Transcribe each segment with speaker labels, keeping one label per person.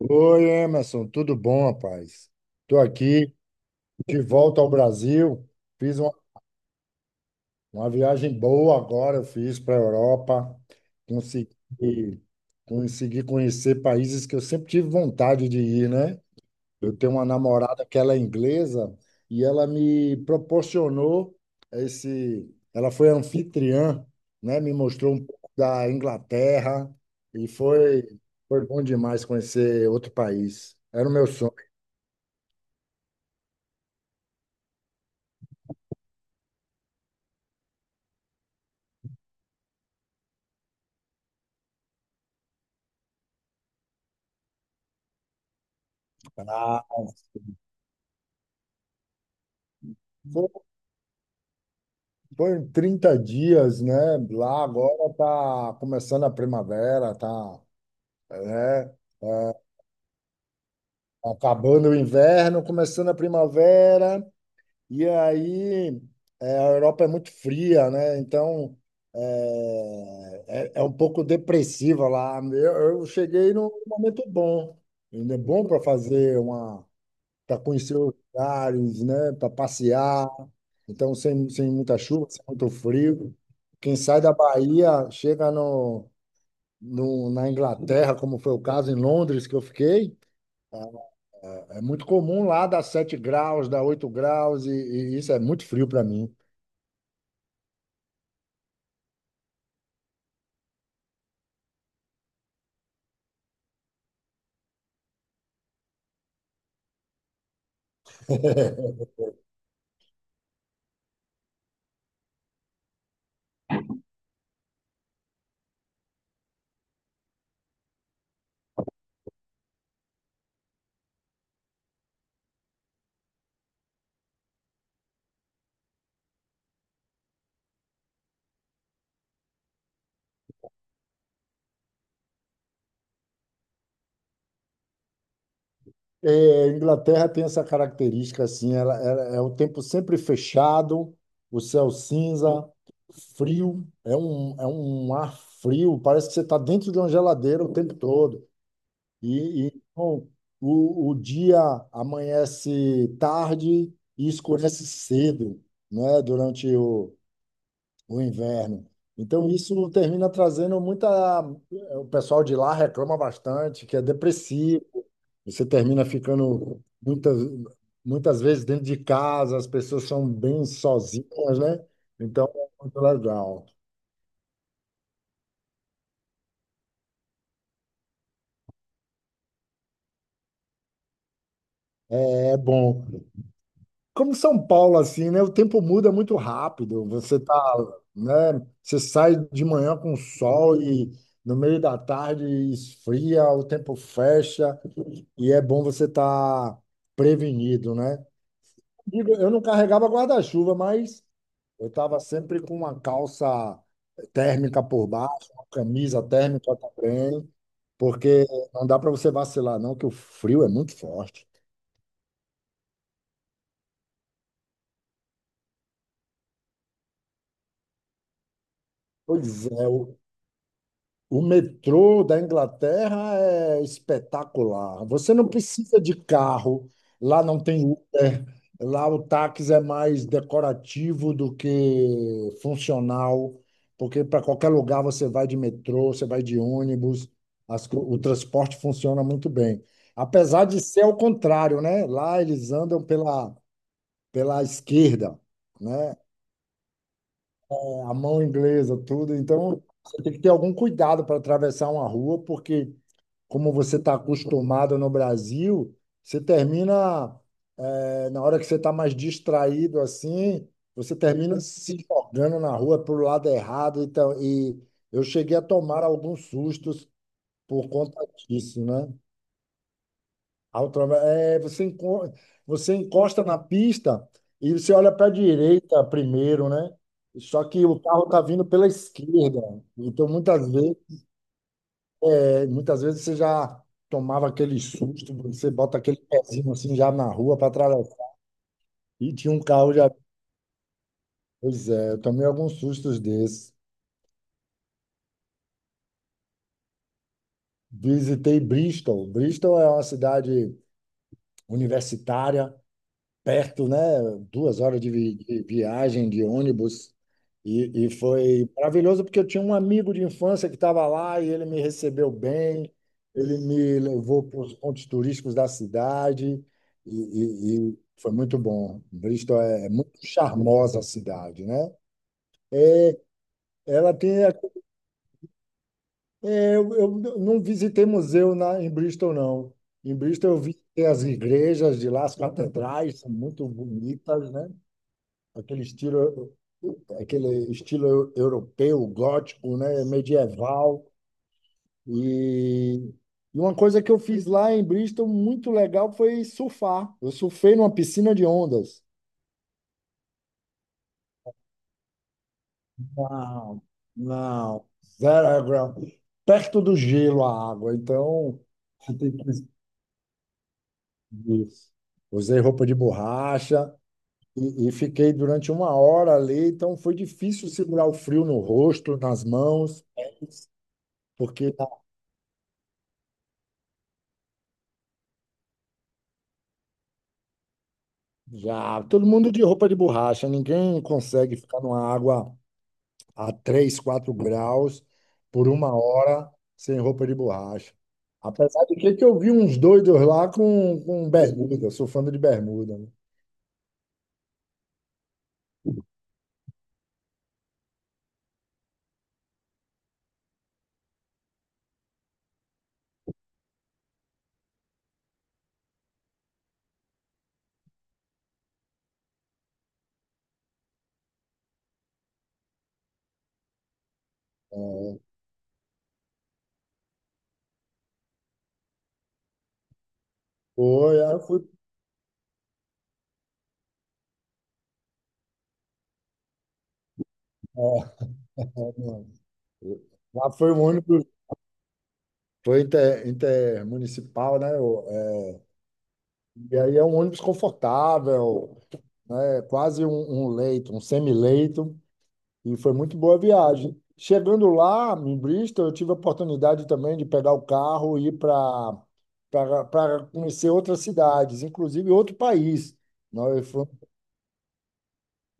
Speaker 1: Oi, Emerson, tudo bom, rapaz? Estou aqui de volta ao Brasil. Fiz uma viagem boa agora, eu fiz para a Europa. Consegui, consegui conhecer países que eu sempre tive vontade de ir, né? Eu tenho uma namorada que ela é inglesa e ela me proporcionou esse. Ela foi anfitriã, né? Me mostrou um pouco da Inglaterra e foi bom demais conhecer outro país. Era o meu sonho. Ah, foi, foi 30 dias, né? Lá agora tá começando a primavera, tá, né? É. Acabando o inverno, começando a primavera, e aí é, a Europa é muito fria, né? Então é um pouco depressiva lá. Eu cheguei num momento bom, ainda é bom para fazer para conhecer os lugares, né? Para passear. Então, sem muita chuva, sem muito frio. Quem sai da Bahia chega no, no, na Inglaterra, como foi o caso em Londres que eu fiquei. É muito comum lá dar 7 graus, dar 8 graus, e isso é muito frio para mim. É, Inglaterra tem essa característica assim, é o tempo sempre fechado, o céu cinza, frio, é um ar frio, parece que você está dentro de uma geladeira o tempo todo. Então, o dia amanhece tarde e escurece cedo, né, durante o inverno. Então, isso termina trazendo muita. O pessoal de lá reclama bastante, que é depressivo. Você termina ficando muitas vezes dentro de casa, as pessoas são bem sozinhas, né? Então, é muito legal. É bom. Como São Paulo, assim, né? O tempo muda muito rápido. Você tá, né? Você sai de manhã com sol e no meio da tarde esfria, o tempo fecha e é bom você estar prevenido, né? Digo, eu não carregava guarda-chuva, mas eu estava sempre com uma calça térmica por baixo, uma camisa térmica também, porque não dá para você vacilar, não, que o frio é muito forte. Pois é, o metrô da Inglaterra é espetacular. Você não precisa de carro, lá não tem Uber, lá o táxi é mais decorativo do que funcional, porque para qualquer lugar você vai de metrô, você vai de ônibus, o transporte funciona muito bem. Apesar de ser ao contrário, né? Lá eles andam pela esquerda, né? A mão inglesa, tudo. Então, você tem que ter algum cuidado para atravessar uma rua, porque, como você está acostumado no Brasil, você termina, na hora que você está mais distraído assim, você termina se jogando na rua para o lado errado. Então, e eu cheguei a tomar alguns sustos por conta disso, né? Altrova, é, você encosta na pista e você olha para a direita primeiro, né? Só que o carro tá vindo pela esquerda. Então, muitas vezes você já tomava aquele susto, você bota aquele pezinho assim já na rua para atravessar. E tinha um carro já. Pois é, eu tomei alguns sustos desses. Visitei Bristol. Bristol é uma cidade universitária perto, né? Duas horas de viagem de ônibus. E foi maravilhoso porque eu tinha um amigo de infância que estava lá e ele me recebeu bem, ele me levou para os pontos turísticos da cidade e foi muito bom. Bristol é muito charmosa a cidade, né? Ela tem. Eu não visitei museu em Bristol, não. Em Bristol eu visitei as igrejas de lá, as catedrais, são muito bonitas, né? Aquele estilo aquele estilo europeu, gótico, né, medieval. E, e uma coisa que eu fiz lá em Bristol muito legal foi surfar. Eu surfei numa piscina de ondas. Não, não, zero grau. Perto do gelo a água, então você tem que. Isso. Usei roupa de borracha e fiquei durante uma hora ali, então foi difícil segurar o frio no rosto, nas mãos, porque já, todo mundo de roupa de borracha, ninguém consegue ficar numa água a 3, 4 graus por uma hora sem roupa de borracha. Apesar de que eu vi uns doidos lá com bermuda, eu sou fã de bermuda. Né? É, foi, aí eu fui. É, lá foi o ônibus, foi intermunicipal, né? E aí é um ônibus confortável, né? Quase um leito, um semileito. E foi muito boa a viagem. Chegando lá, em Bristol, eu tive a oportunidade também de pegar o carro e ir para conhecer outras cidades, inclusive outro país. Não, eu fui,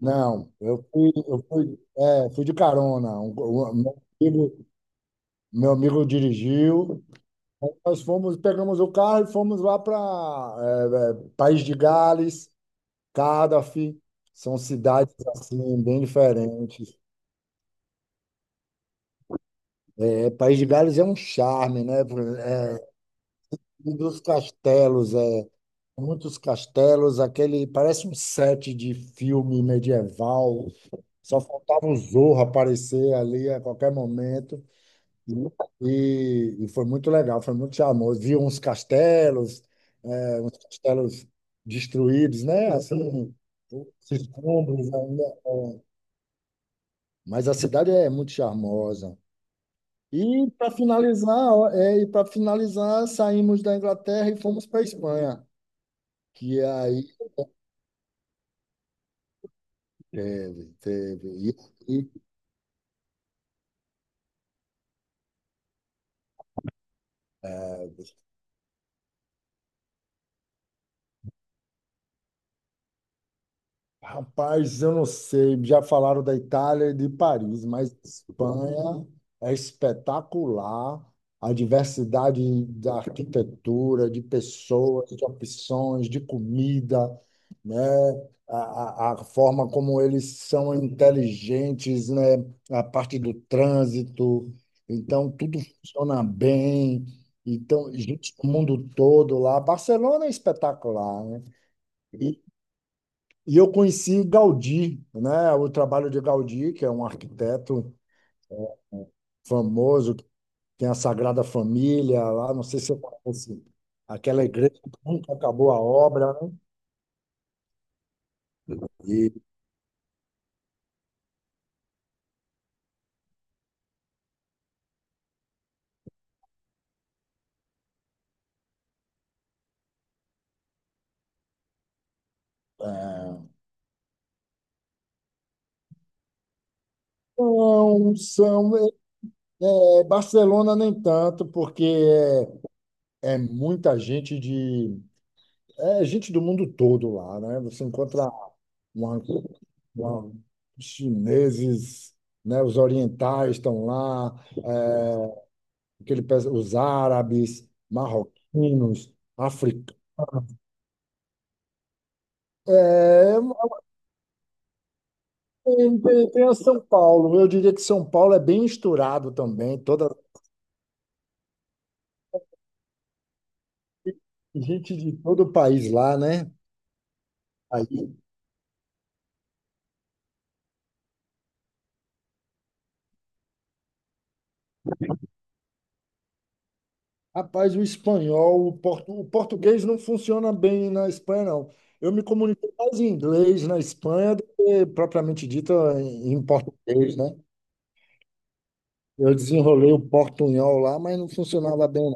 Speaker 1: não, eu fui, é, fui de carona. Meu amigo, meu amigo dirigiu. Nós fomos, pegamos o carro e fomos lá para País de Gales, Cardiff. São cidades assim bem diferentes. É, País de Gales é um charme, né? É, e dos castelos, é, muitos castelos, aquele parece um set de filme medieval. Só faltava o Zorro aparecer ali a qualquer momento. E foi muito legal, foi muito charmoso. Vi uns castelos, é, uns castelos destruídos, né? Assim, os escombros ainda. Mas a cidade é muito charmosa. E para finalizar, saímos da Inglaterra e fomos para a Espanha, que aí teve, teve. E, e, rapaz, eu não sei, já falaram da Itália e de Paris, mas Espanha é espetacular. A diversidade da arquitetura, de pessoas, de opções, de comida, né? A forma como eles são inteligentes, né? A parte do trânsito. Então, tudo funciona bem. Então, gente do mundo todo lá. Barcelona é espetacular, né? E, e eu conheci Gaudí, né? O trabalho de Gaudí, que é um arquiteto famoso, que tem a Sagrada Família lá, não sei se eu conhece, aquela igreja que nunca acabou a obra, né? E não, são, é, Barcelona nem tanto, porque é muita gente de, é gente do mundo todo lá, né? Você encontra uma, uma- os chineses, né? Os orientais estão lá, é, os árabes, marroquinos, africanos. É, tem a São Paulo. Eu diria que São Paulo é bem misturado também, toda gente de todo o país lá, né? Aí, rapaz, o espanhol, o português não funciona bem na Espanha, não. Eu me comuniquei mais em inglês na Espanha do que propriamente dito em português, né? Eu desenrolei o portunhol lá, mas não funcionava bem.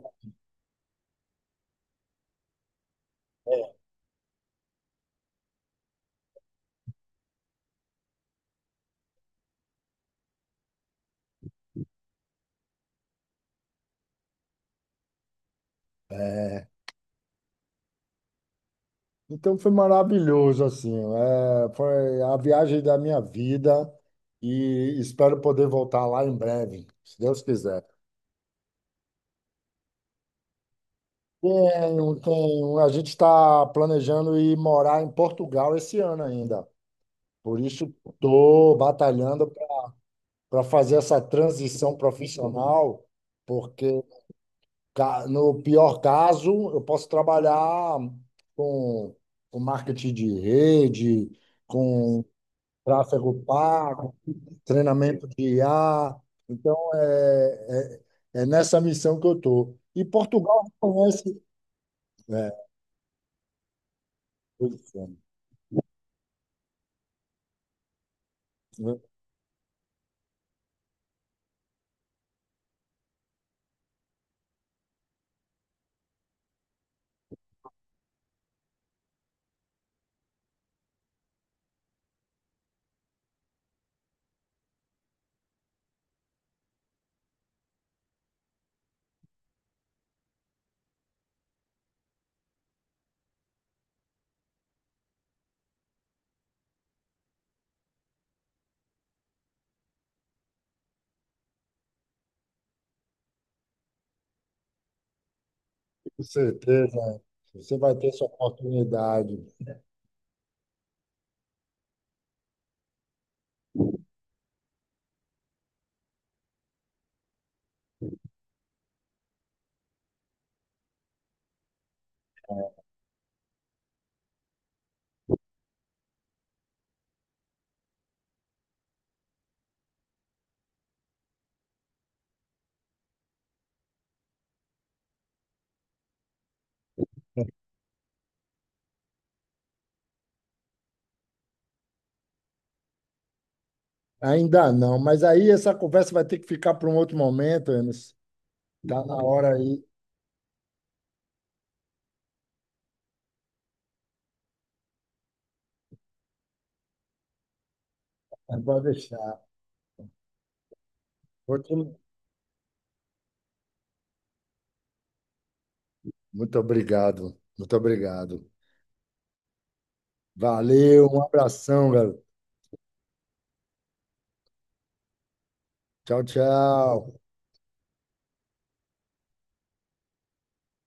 Speaker 1: Então foi maravilhoso, assim, é, foi a viagem da minha vida e espero poder voltar lá em breve, se Deus quiser. Tenho, tenho. A gente está planejando ir morar em Portugal esse ano ainda. Por isso estou batalhando para fazer essa transição profissional, porque no pior caso eu posso trabalhar com, com marketing de rede, com tráfego pago treinamento de IA. Então, é nessa missão que eu estou. E Portugal reconhece. É, pois é, eu tenho certeza, você vai ter sua oportunidade. Ainda não, mas aí essa conversa vai ter que ficar para um outro momento, Emerson. Está na hora aí, mas pode deixar. Outro- Muito obrigado, muito obrigado. Valeu, um abração, garoto. Tchau, tchau.